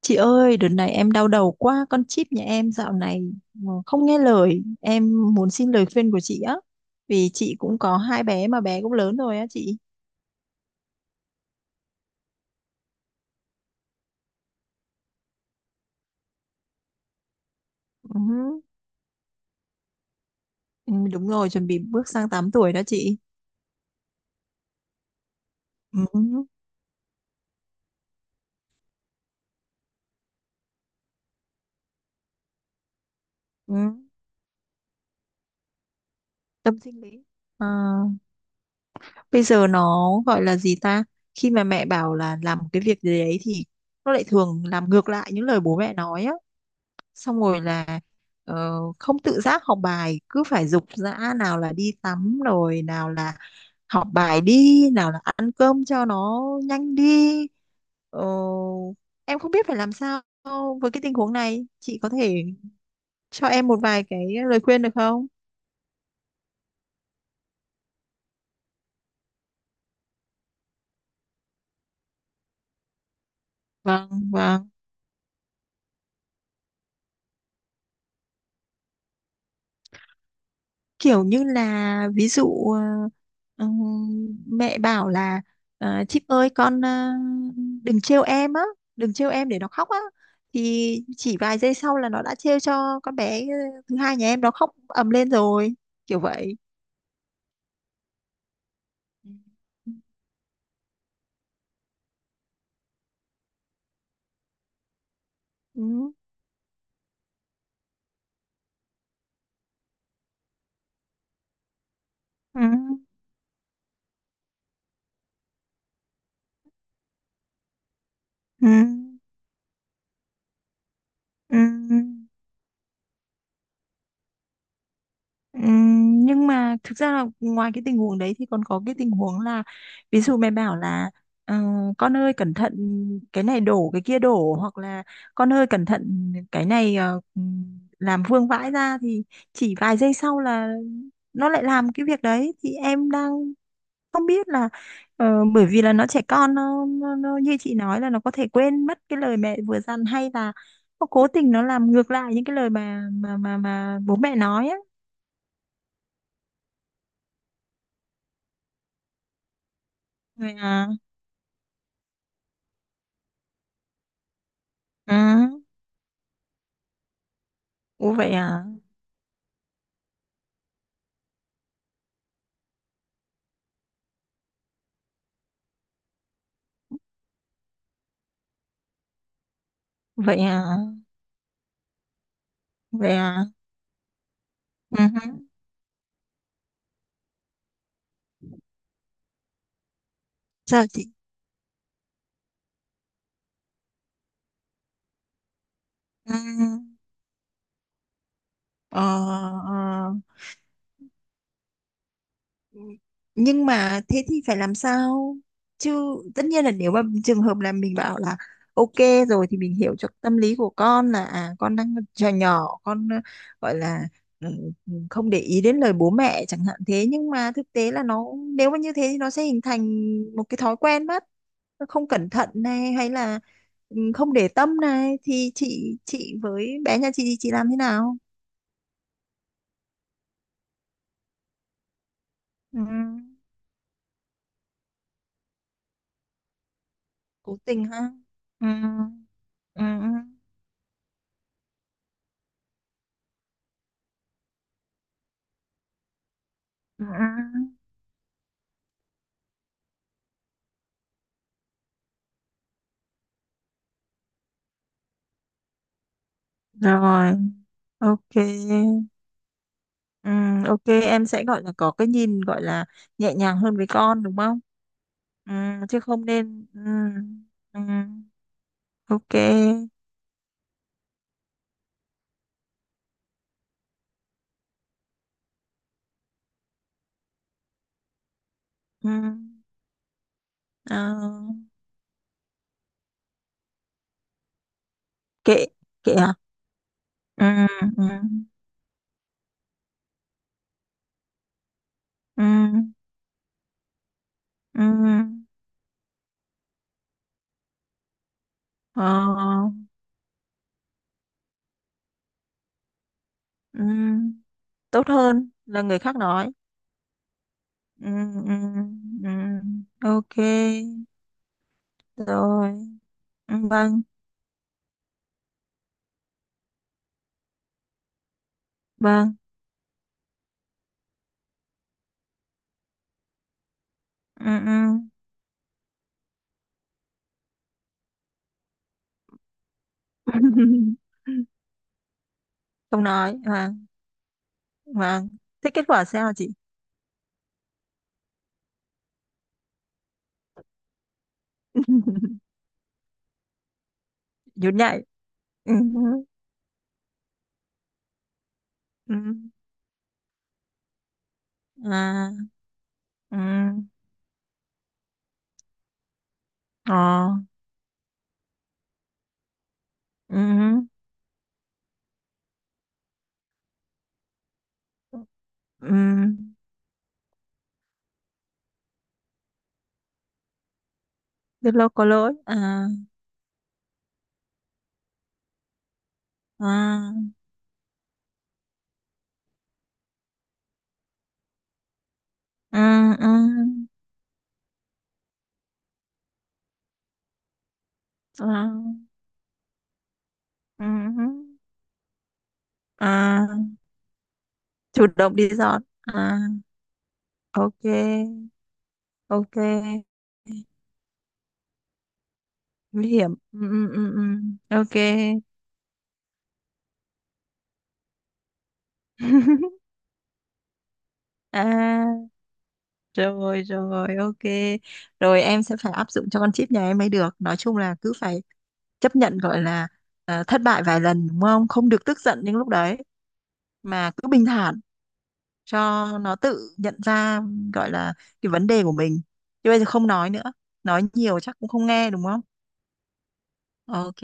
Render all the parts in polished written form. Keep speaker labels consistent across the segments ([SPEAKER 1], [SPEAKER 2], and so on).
[SPEAKER 1] Chị ơi, đợt này em đau đầu quá, con Chip nhà em dạo này không nghe lời. Em muốn xin lời khuyên của chị á. Vì chị cũng có hai bé mà bé cũng lớn rồi á chị. Ừ, ừ, đúng rồi, chuẩn bị bước sang 8 tuổi đó chị. Ừ, ừ, tâm sinh lý. Ờ, Bây giờ nó gọi là gì ta? Khi mà mẹ bảo là làm một cái việc gì đấy thì nó lại thường làm ngược lại những lời bố mẹ nói á. Xong rồi là không tự giác học bài, cứ phải giục giã, nào là đi tắm, rồi nào là học bài đi, nào là ăn cơm cho nó nhanh đi. Ờ, em không biết phải làm sao với cái tình huống này, chị có thể cho em một vài cái lời khuyên được không? Vâng, vâng, kiểu như là, ví dụ ừm, mẹ bảo là "Chip ơi, con đừng trêu em á, đừng trêu em để nó khóc á", thì chỉ vài giây sau là nó đã trêu cho con bé, thứ hai nhà em, nó khóc ầm lên rồi. Kiểu vậy. Ừ. Ừ. Ừ. Ừ. Ừ. Nhưng mà thực ra là ngoài cái tình huống đấy thì còn có cái tình huống là, ví dụ mẹ bảo là "Ờ, con ơi cẩn thận, cái này đổ, cái kia đổ", hoặc là "Con ơi cẩn thận cái này làm vương vãi ra", thì chỉ vài giây sau là nó lại làm cái việc đấy. Thì em đang không biết là bởi vì là nó trẻ con, nó như chị nói là nó có thể quên mất cái lời mẹ vừa dặn, hay là nó cố tình nó làm ngược lại những cái lời mà bố mẹ nói á. Rồi à, ừ, ủa vậy à, vậy à, vậy à, ừ, hứ. Sao chị, ừ, ờ, ờ. Nhưng mà thế thì phải làm sao chứ? Tất nhiên là nếu mà trường hợp là mình bảo là ok rồi thì mình hiểu cho tâm lý của con là à, con đang trò nhỏ, con gọi là ừ, ừ, không để ý đến lời bố mẹ chẳng hạn. Thế nhưng mà thực tế là nó, nếu mà như thế thì nó sẽ hình thành một cái thói quen mất. Nó không cẩn thận này, hay là ừ, không để tâm này, thì chị với bé nhà chị thì chị làm thế nào? Ừ, cố tình ha, ừ, ừ, ừ, ừ. Ừ. Rồi, ok. Ừ, ok, em sẽ gọi là có cái nhìn, gọi là nhẹ nhàng hơn với con đúng không? Ừ, chứ không nên, ừ, ừ, ok. Ừ, ờ, kệ, kệ à? Ừ, ừ, ừ, ừ, ờ, ừ, tốt hơn là người khác nói. Ừ, ừ, ừ, ok, rồi. Ừ, vâng, vâng. Ừ, ừ. Không nói. À. Vâng. Thế kết quả sao chị? Nhún nhảy. Ừ. Ừ. À. Ừ. Ờ. Ừ. Ừ. Rất lâu có lỗi. À. À. Ừ. Ừ. À. Ừ. À. Chủ động đi dọn. À. Ok. Ok. Nguy hiểm. Ừ. Ừ. Ừ. Ừ. Ok. À. Rồi rồi ok. Rồi em sẽ phải áp dụng cho con Chip nhà em mới được. Nói chung là cứ phải chấp nhận, gọi là thất bại vài lần đúng không? Không được tức giận những lúc đấy mà cứ bình thản cho nó tự nhận ra, gọi là cái vấn đề của mình. Chứ bây giờ không nói nữa. Nói nhiều chắc cũng không nghe đúng không? Ok,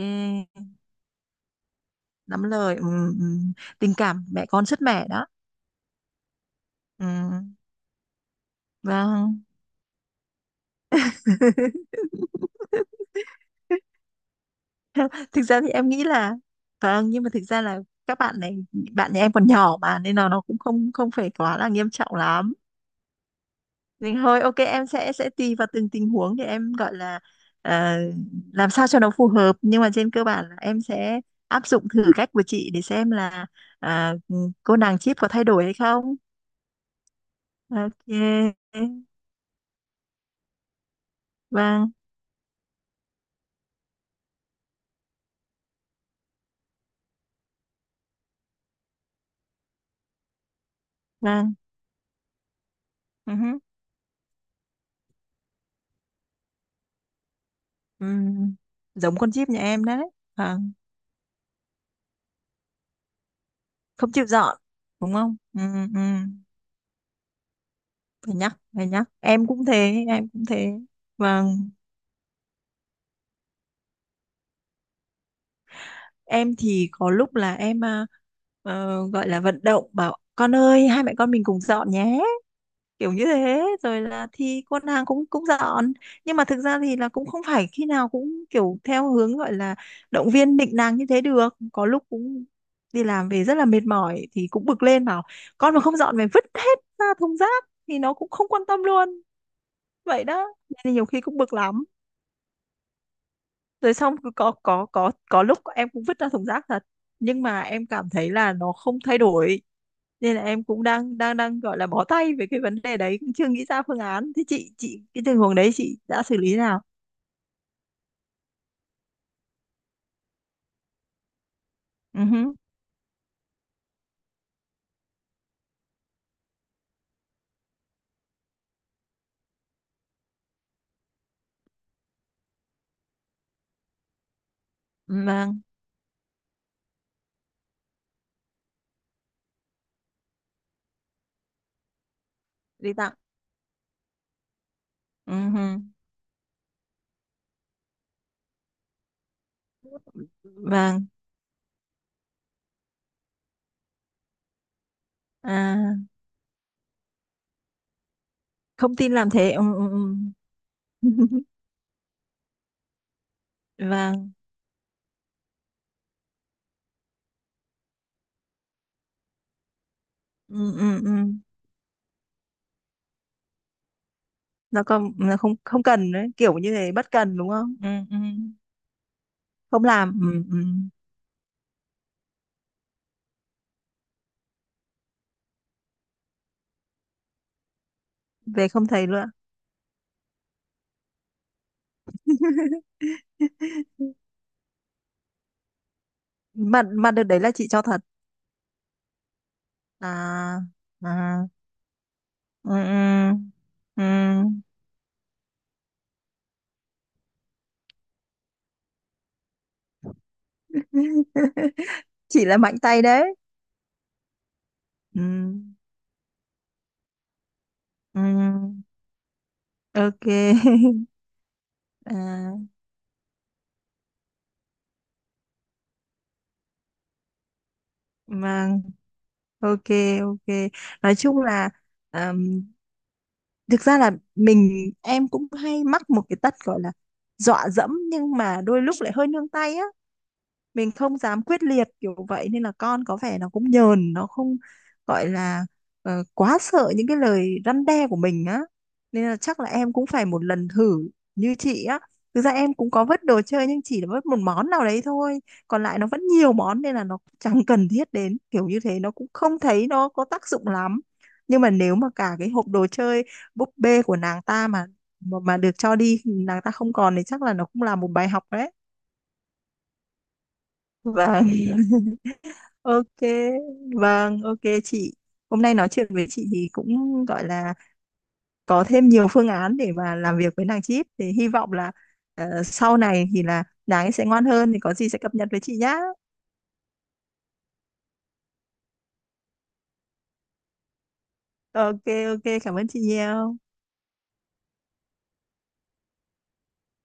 [SPEAKER 1] lắm lời. Ừ, ừ. Tình cảm mẹ con sứt mẻ đó. Ừ, vâng. Thực ra thì em nghĩ là, vâng, nhưng mà thực ra là các bạn này, bạn nhà em còn nhỏ mà nên là nó cũng không không phải quá là nghiêm trọng lắm. Nhưng thôi ok, em sẽ tùy vào từng tình huống để em, gọi là ờ, làm sao cho nó phù hợp. Nhưng mà trên cơ bản là em sẽ áp dụng thử cách của chị để xem là à, cô nàng Chip có thay đổi hay không. Ok, vâng, vâng, ừ hứ. Ừm, giống con Chip nhà em đấy. Vâng, không chịu dọn, đúng không, ừ, ừ, phải nhắc, phải nhắc, em cũng thế, em cũng thế. Và em thì có lúc là em, à, gọi là vận động bảo con ơi, hai mẹ con mình cùng dọn nhé, kiểu như thế, rồi là thì con nàng cũng cũng dọn. Nhưng mà thực ra thì là cũng không phải khi nào cũng kiểu theo hướng gọi là động viên nịnh nàng như thế được. Có lúc cũng đi làm về rất là mệt mỏi thì cũng bực lên bảo con mà không dọn, mày vứt hết ra thùng rác, thì nó cũng không quan tâm luôn, vậy đó. Nên là nhiều khi cũng bực lắm, rồi xong cứ có có lúc em cũng vứt ra thùng rác thật. Nhưng mà em cảm thấy là nó không thay đổi, nên là em cũng đang đang đang gọi là bó tay về cái vấn đề đấy, cũng chưa nghĩ ra phương án. Thế chị cái tình huống đấy chị đã xử lý nào? Ừ hứ, vâng, đi tặng. Ừ hứ, vâng, à, không tin làm thế, ừ, ừ, ừ. Vâng, ừ, ừ, ừ. Nó không không cần đấy, kiểu như thế, bất cần đúng không, ừ, ừ. Không làm, ừ, ừ. Về không thấy luôn. Mà đợt đấy là chị cho thật à? À, ừ, ừ, ừ. Chị là mạnh tay đấy. Ừ, ừ, ok. À, vâng, ok, ok. Nói chung là ờm, thực ra là mình, em cũng hay mắc một cái tật, gọi là dọa dẫm, nhưng mà đôi lúc lại hơi nương tay á, mình không dám quyết liệt kiểu vậy, nên là con có vẻ nó cũng nhờn, nó không, gọi là quá sợ những cái lời răn đe của mình á. Nên là chắc là em cũng phải một lần thử như chị á. Thực ra em cũng có vứt đồ chơi, nhưng chỉ là vứt một món nào đấy thôi, còn lại nó vẫn nhiều món nên là nó chẳng cần thiết đến, kiểu như thế, nó cũng không thấy nó có tác dụng lắm. Nhưng mà nếu mà cả cái hộp đồ chơi búp bê của nàng ta mà mà được cho đi, nàng ta không còn, thì chắc là nó cũng là một bài học đấy. Vâng. Ok, vâng, ok chị. Hôm nay nói chuyện với chị thì cũng gọi là có thêm nhiều phương án để mà làm việc với nàng Chip. Thì hy vọng là sau này thì là nàng ấy sẽ ngoan hơn, thì có gì sẽ cập nhật với chị nhá. Ok, ok, cảm ơn chị nhiều.